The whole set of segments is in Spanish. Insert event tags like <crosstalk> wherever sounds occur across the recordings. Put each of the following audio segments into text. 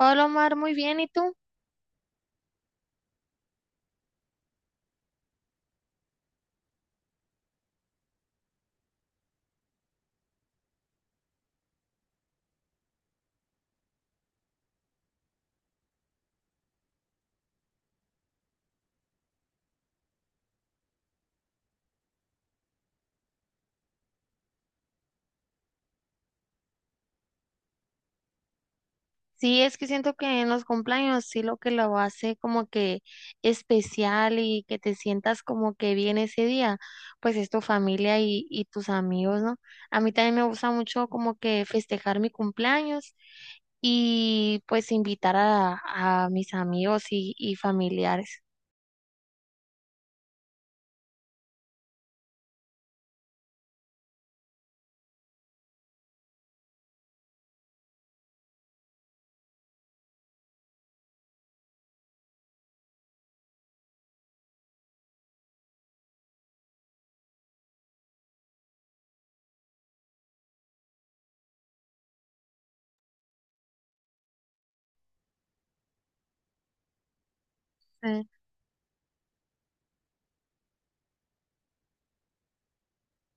Hola Omar, muy bien, ¿y tú? Sí, es que siento que en los cumpleaños sí lo que lo hace como que especial y que te sientas como que bien ese día, pues es tu familia y tus amigos, ¿no? A mí también me gusta mucho como que festejar mi cumpleaños y pues invitar a mis amigos y familiares. Sí,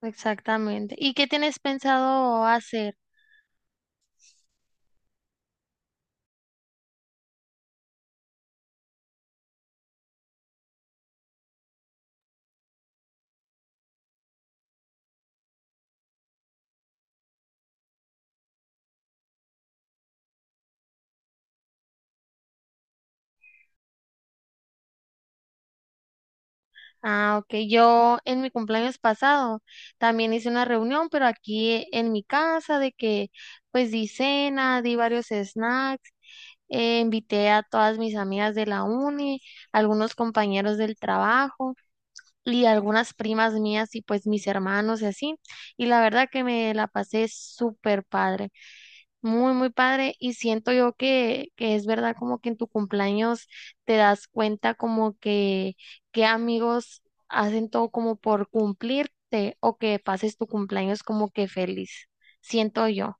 exactamente. ¿Y qué tienes pensado hacer? Ah, ok. Yo en mi cumpleaños pasado también hice una reunión, pero aquí en mi casa, de que pues di cena, di varios snacks, invité a todas mis amigas de la uni, algunos compañeros del trabajo y algunas primas mías y pues mis hermanos y así. Y la verdad que me la pasé súper padre. Muy, muy padre. Y siento yo que es verdad como que en tu cumpleaños te das cuenta como que amigos hacen todo como por cumplirte o que pases tu cumpleaños como que feliz. Siento yo.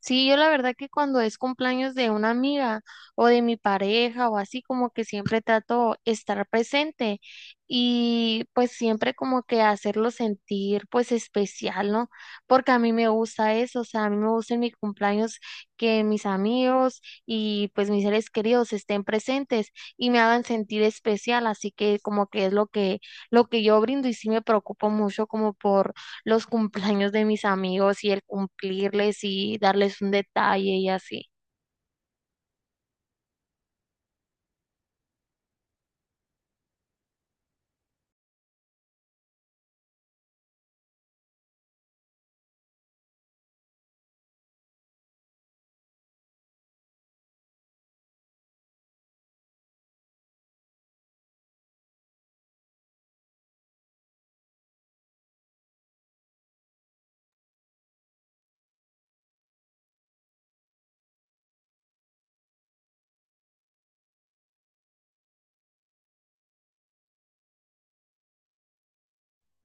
Sí, yo la verdad que cuando es cumpleaños de una amiga o de mi pareja o así, como que siempre trato estar presente y pues siempre como que hacerlo sentir pues especial, ¿no? Porque a mí me gusta eso, o sea, a mí me gusta en mi cumpleaños que mis amigos y pues mis seres queridos estén presentes y me hagan sentir especial, así que como que es lo que yo brindo y sí me preocupo mucho como por los cumpleaños de mis amigos y el cumplirles y darles un detalle y así.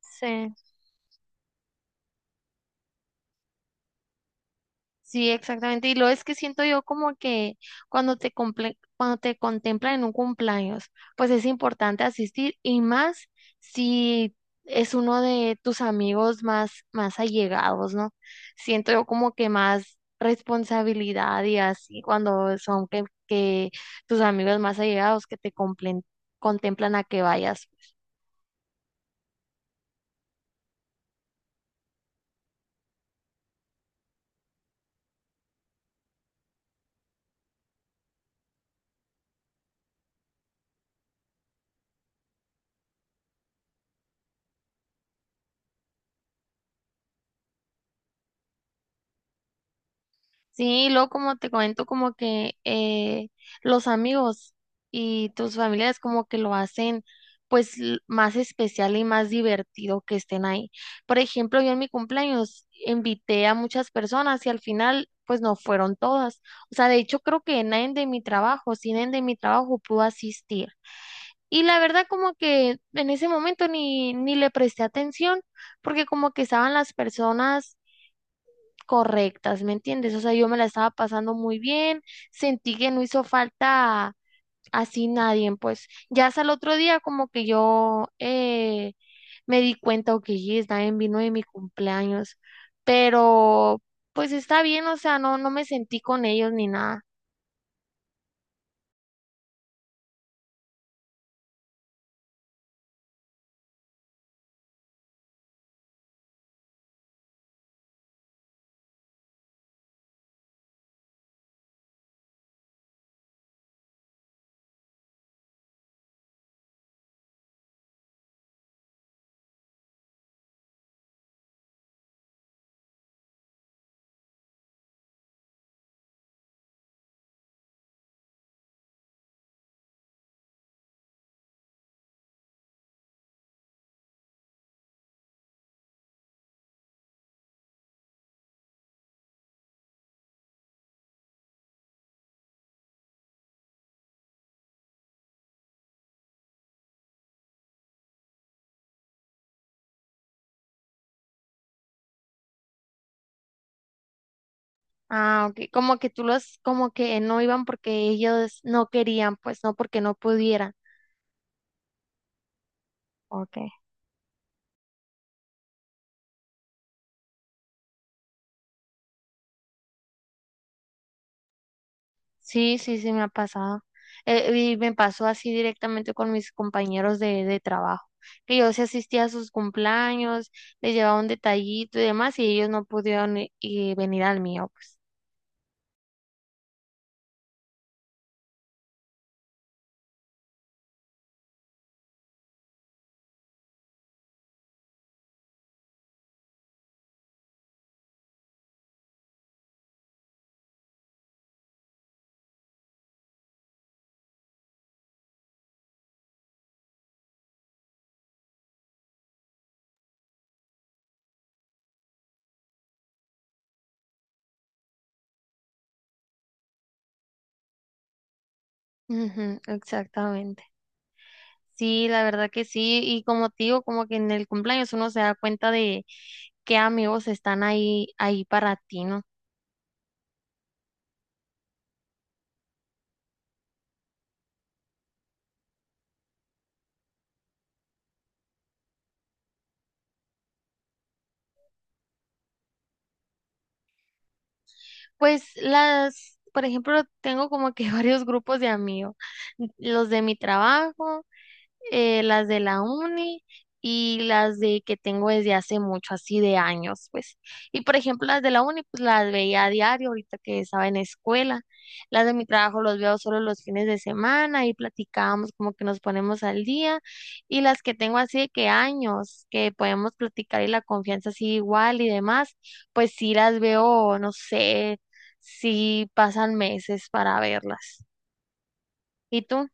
Sí, sí, exactamente. Y lo es que siento yo como que cuando te comple- cuando te contemplan en un cumpleaños, pues es importante asistir y más si es uno de tus amigos más más allegados, ¿no? Siento yo como que más responsabilidad y así cuando son que tus amigos más allegados que te complen- contemplan a que vayas. Pues. Sí, y luego como te comento, como que los amigos y tus familiares como que lo hacen pues l- más especial y más divertido que estén ahí. Por ejemplo, yo en mi cumpleaños invité a muchas personas y al final pues no fueron todas. O sea, de hecho creo que nadie de mi trabajo, si nadie de mi trabajo pudo asistir. Y la verdad como que en ese momento ni le presté atención porque como que estaban las personas correctas, ¿me entiendes? O sea, yo me la estaba pasando muy bien, sentí que no hizo falta así nadie, pues ya hasta el otro día como que yo me di cuenta, ok, yes, nadie vino de mi cumpleaños, pero pues está bien, o sea, no, no me sentí con ellos ni nada. Ah, ok, como que tú los, como que no iban porque ellos no querían, pues no porque no pudieran. Ok. Sí, sí, sí, me ha pasado. Y me pasó así directamente con mis compañeros de trabajo, que yo sí asistía a sus cumpleaños, les llevaba un detallito y demás, y ellos no pudieron i- y venir al mío, pues. Ujú, exactamente. Sí, la verdad que sí, y como te digo, como que en el cumpleaños uno se da cuenta de qué amigos están ahí, ahí para ti, ¿no? Pues las, por ejemplo, tengo como que <laughs> varios grupos de amigos, los de mi trabajo. Eh, las de la uni y las de que tengo desde hace mucho, así de años, pues. Y por ejemplo, las de la uni, pues las veía a diario, ahorita que estaba en escuela. Las de mi trabajo los veo solo los fines de semana y platicamos como que nos ponemos al día. Y las que tengo así de que años, que podemos platicar y la confianza así igual y demás, pues sí las veo, no sé, si pasan meses para verlas. ¿Y tú?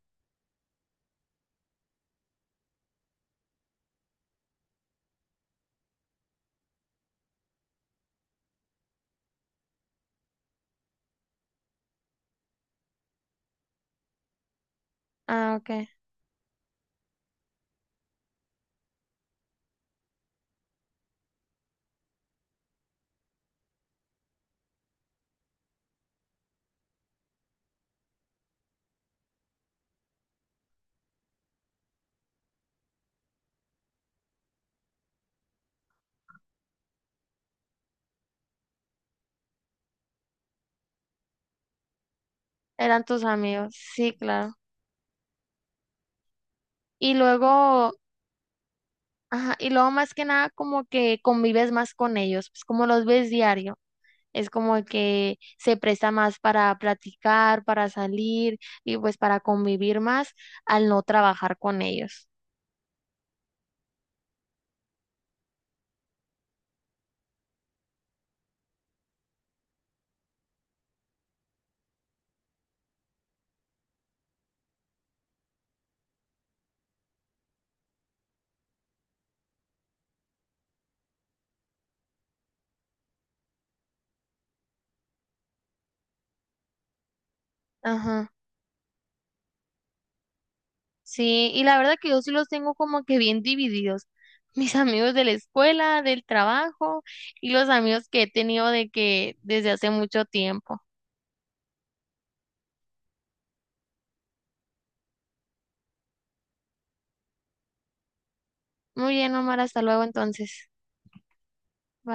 Ah, ok. Eran tus amigos. Sí, claro. Y luego, ajá, y luego más que nada como que convives más con ellos, pues como los ves diario, es como que se presta más para platicar, para salir y pues para convivir más al no trabajar con ellos. Ajá. Sí, y la verdad que yo sí los tengo como que bien divididos. <laughs> Mis amigos de la escuela, del trabajo y los amigos que he tenido de que desde hace mucho tiempo. Muy bien, Omar, hasta luego entonces.